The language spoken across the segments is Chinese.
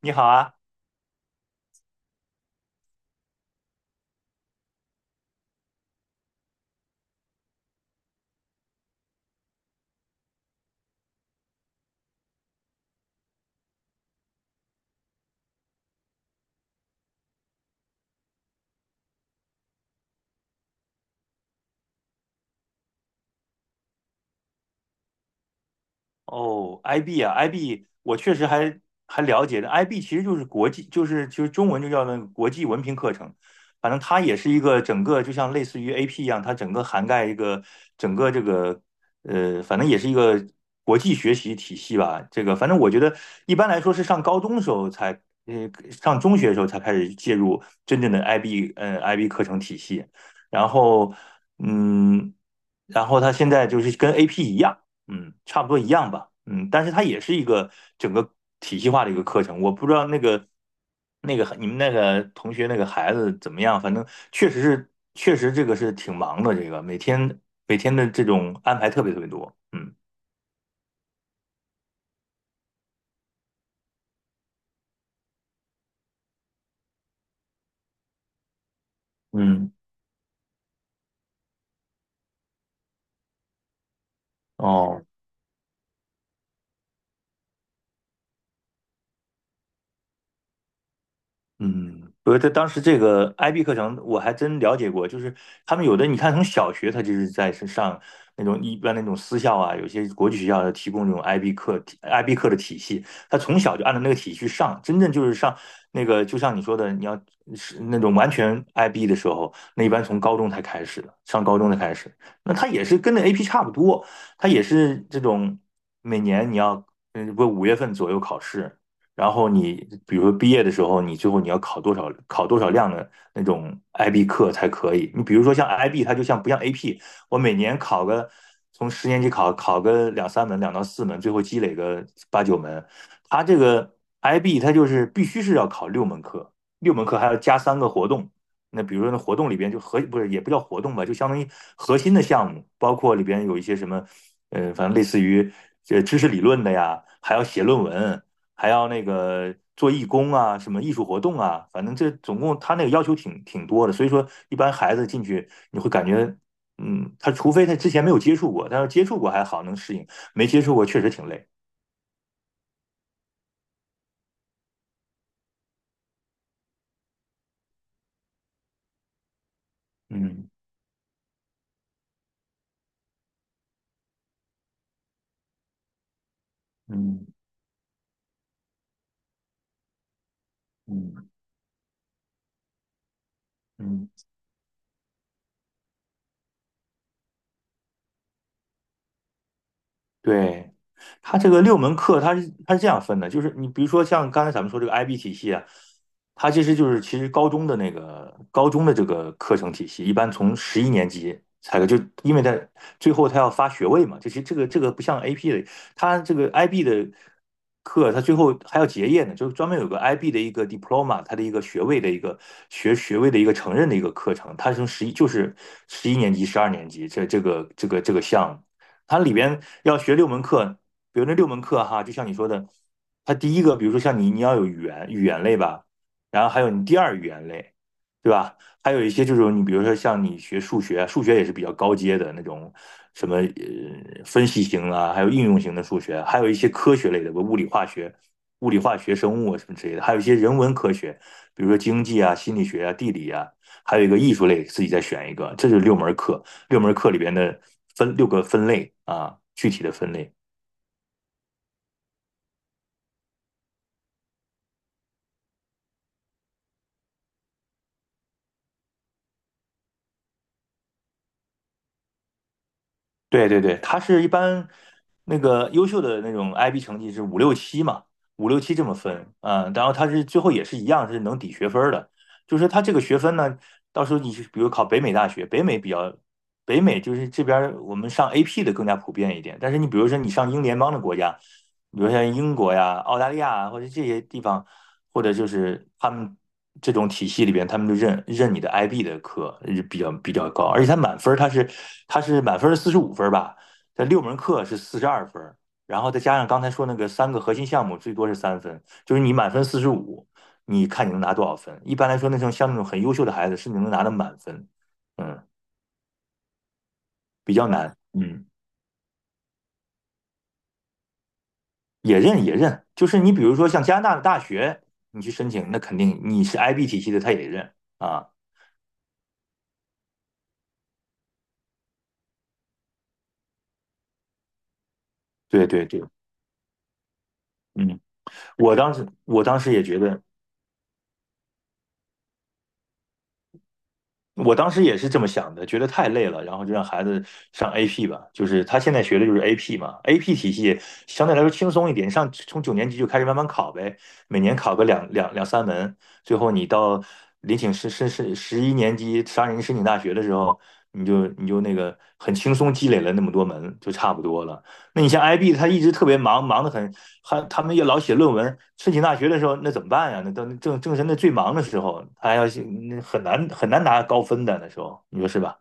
你好啊，哦，IB 啊，IB，我确实还了解的，IB 其实就是国际，就是其实中文就叫那个国际文凭课程，反正它也是一个整个就像类似于 AP 一样，它整个涵盖一个整个这个反正也是一个国际学习体系吧。这个反正我觉得一般来说是上高中的时候才，上中学的时候才开始介入真正的 IB，嗯，IB 课程体系，然后嗯，然后它现在就是跟 AP 一样。嗯，差不多一样吧，嗯，但是它也是一个整个体系化的一个课程。我不知道那个你们那个同学那个孩子怎么样，反正确实这个是挺忙的，这个每天的这种安排特别特别多，嗯嗯，哦，嗯，不是，他当时这个 IB 课程我还真了解过，就是他们有的你看从小学他就是在是上那种一般那种私校啊，有些国际学校提供这种 IB 课的体系，他从小就按照那个体系去上，真正就是上那个就像你说的，你要是那种完全 IB 的时候，那一般从高中才开始的，上高中才开始，那他也是跟那 AP 差不多，他也是这种每年你要不五月份左右考试，然后你比如说毕业的时候，你最后你要考多少量的那种 IB 课才可以。你比如说像 IB，它就像不像 AP，我每年考个从十年级考个两三门，两到四门，最后积累个八九门。它这个 IB 它就是必须是要考六门课，六门课还要加三个活动。那比如说那活动里边就不是也不叫活动吧，就相当于核心的项目，包括里边有一些什么，反正类似于这知识理论的呀，还要写论文，还要那个做义工啊，什么艺术活动啊，反正这总共他那个要求挺多的，所以说一般孩子进去你会感觉，嗯，他除非他之前没有接触过，但是接触过还好能适应，没接触过确实挺累。嗯嗯嗯嗯。嗯对，它这个六门课，它是这样分的，就是你比如说像刚才咱们说这个 IB 体系啊，它其实高中的那个高中的这个课程体系，一般从十一年级才有就因为它最后它要发学位嘛，就其实这个不像 AP 的，它这个 IB 的课，它最后还要结业呢，就是专门有个 IB 的一个 diploma，它的一个学位的一个学学位的一个承认的一个课程，它是从十一年级、十二年级这个项目。它里边要学六门课，比如那六门课哈，就像你说的，它第一个，比如说像你，你要有语言类吧，然后还有你第二语言类，对吧？还有一些就是你比如说像你学数学，数学也是比较高阶的那种，什么分析型啊，还有应用型的数学，还有一些科学类的，物理化学、生物啊什么之类的，还有一些人文科学，比如说经济啊、心理学啊、地理啊，还有一个艺术类，自己再选一个，这就是六门课。六门课里边的分六个分类啊，具体的分类。对对对，它是一般那个优秀的那种 IB 成绩是五六七嘛，五六七这么分啊，然后它是最后也是一样是能抵学分的，就是它这个学分呢，到时候你比如考北美大学，北美比较。北美就是这边我们上 AP 的更加普遍一点，但是你比如说你上英联邦的国家，比如像英国呀、澳大利亚啊或者这些地方，或者就是他们这种体系里边，他们就认你的 IB 的课是比较高，而且它满分儿它是满分四十五分儿吧，这六门课是四十二分儿，然后再加上刚才说那个三个核心项目，最多是三分，就是你满分四十五，你看你能拿多少分？一般来说，那种像那种很优秀的孩子，甚至能拿到满分，嗯，比较难，嗯。也认也认，就是你比如说像加拿大的大学，你去申请，那肯定你是 IB 体系的，他也认啊。对对对，嗯，我当时也觉得，我当时也是这么想的，觉得太累了，然后就让孩子上 AP 吧，就是他现在学的就是 AP 嘛，AP 体系相对来说轻松一点，上从九年级就开始慢慢考呗，每年考个两三门，最后你到十一年级申请大学的时候，你就那个很轻松积累了那么多门，就差不多了。那你像 IB，他一直特别忙，忙得很，还他们也老写论文。申请大学的时候，那怎么办呀？那都正是那最忙的时候，他要写，那很难很难拿高分的那时候，你说是吧？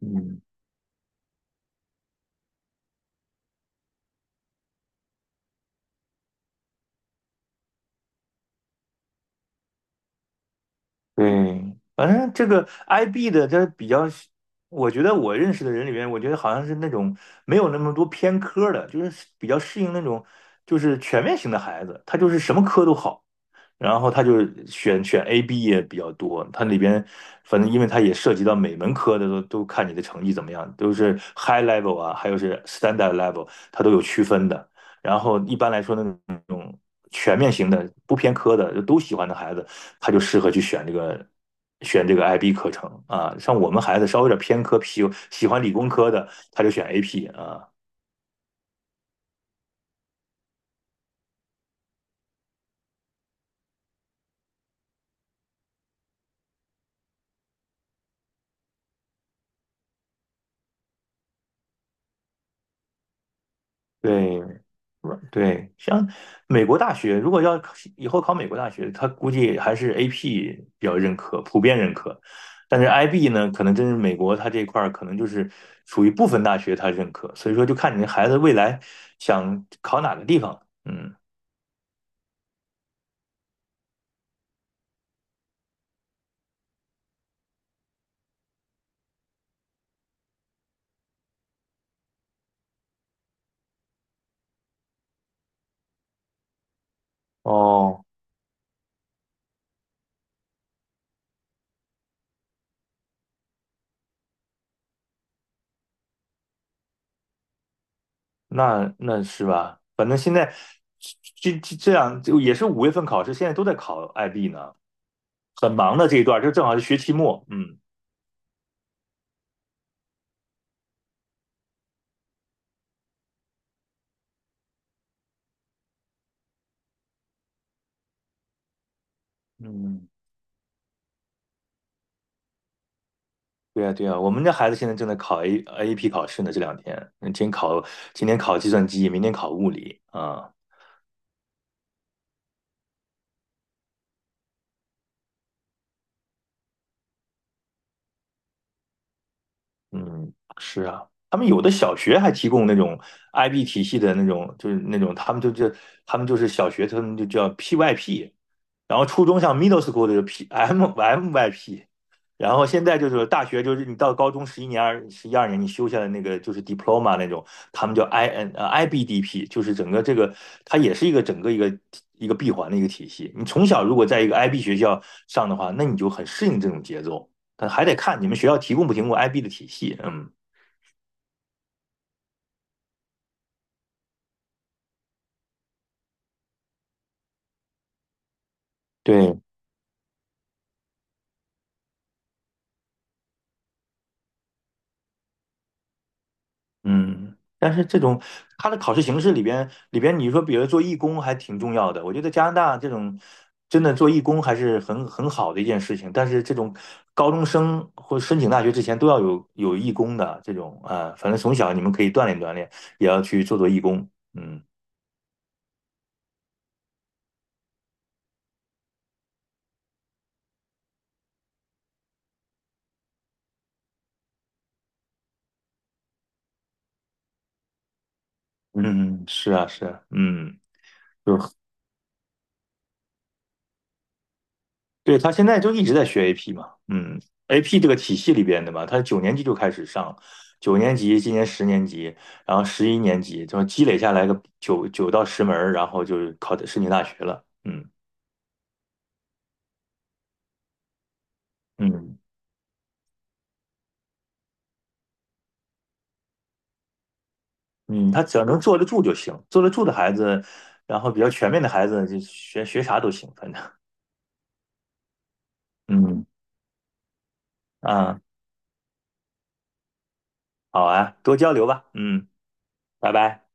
嗯，对，反正这个 IB 的，他比较，我觉得我认识的人里面，我觉得好像是那种没有那么多偏科的，就是比较适应那种就是全面型的孩子，他就是什么科都好。然后他就选 A、B 也比较多，它里边反正因为它也涉及到每门科的都看你的成绩怎么样，都是 high level 啊，还有是 standard level，它都有区分的。然后一般来说那种全面型的、不偏科的就都喜欢的孩子，他就适合去选这个选这个 IB 课程啊。像我们孩子稍微有点偏科，喜欢理工科的，他就选 AP 啊。对，软对，像美国大学，如果要考以后考美国大学，他估计还是 AP 比较认可，普遍认可。但是 IB 呢，可能真是美国它这块儿可能就是属于部分大学它认可，所以说就看你的孩子未来想考哪个地方。嗯，哦，那是吧？反正现在这样就也是五月份考试，现在都在考 IB 呢，很忙的这一段儿就正好是学期末。嗯嗯。对呀，对呀，我们家孩子现在正在考 A a p 考试呢，这两天，嗯今天考计算机，明天考物理啊。嗯，是啊，他们有的小学还提供那种 IB 体系的那种，就是那种他们就是小学，他们就叫 PYP，然后初中像 middle school 的就 MYP，然后现在就是大学就是你到高中十一年二十一二年你修下来那个就是 diploma 那种，他们叫 IBDP，就是整个这个它也是一个整个一个闭环的一个体系。你从小如果在一个 IB 学校上的话，那你就很适应这种节奏。但还得看你们学校提供不提供 IB 的体系。嗯，对，嗯，但是这种它的考试形式里边，里边你说，比如做义工还挺重要的。我觉得加拿大这种真的做义工还是很好的一件事情。但是这种高中生或申请大学之前都要有义工的这种啊，反正从小你们可以锻炼锻炼，也要去做做义工。嗯嗯，是啊是啊，嗯。就是对，他现在就一直在学 AP 嘛，嗯，AP 这个体系里边的嘛，他九年级就开始上，九年级，今年十年级，然后十一年级，就积累下来个九到十门儿然后就是考的申请大学了，嗯嗯嗯，他只要能坐得住就行，坐得住的孩子，然后比较全面的孩子，就学学啥都行，反正，嗯啊，好啊，多交流吧，嗯，拜拜。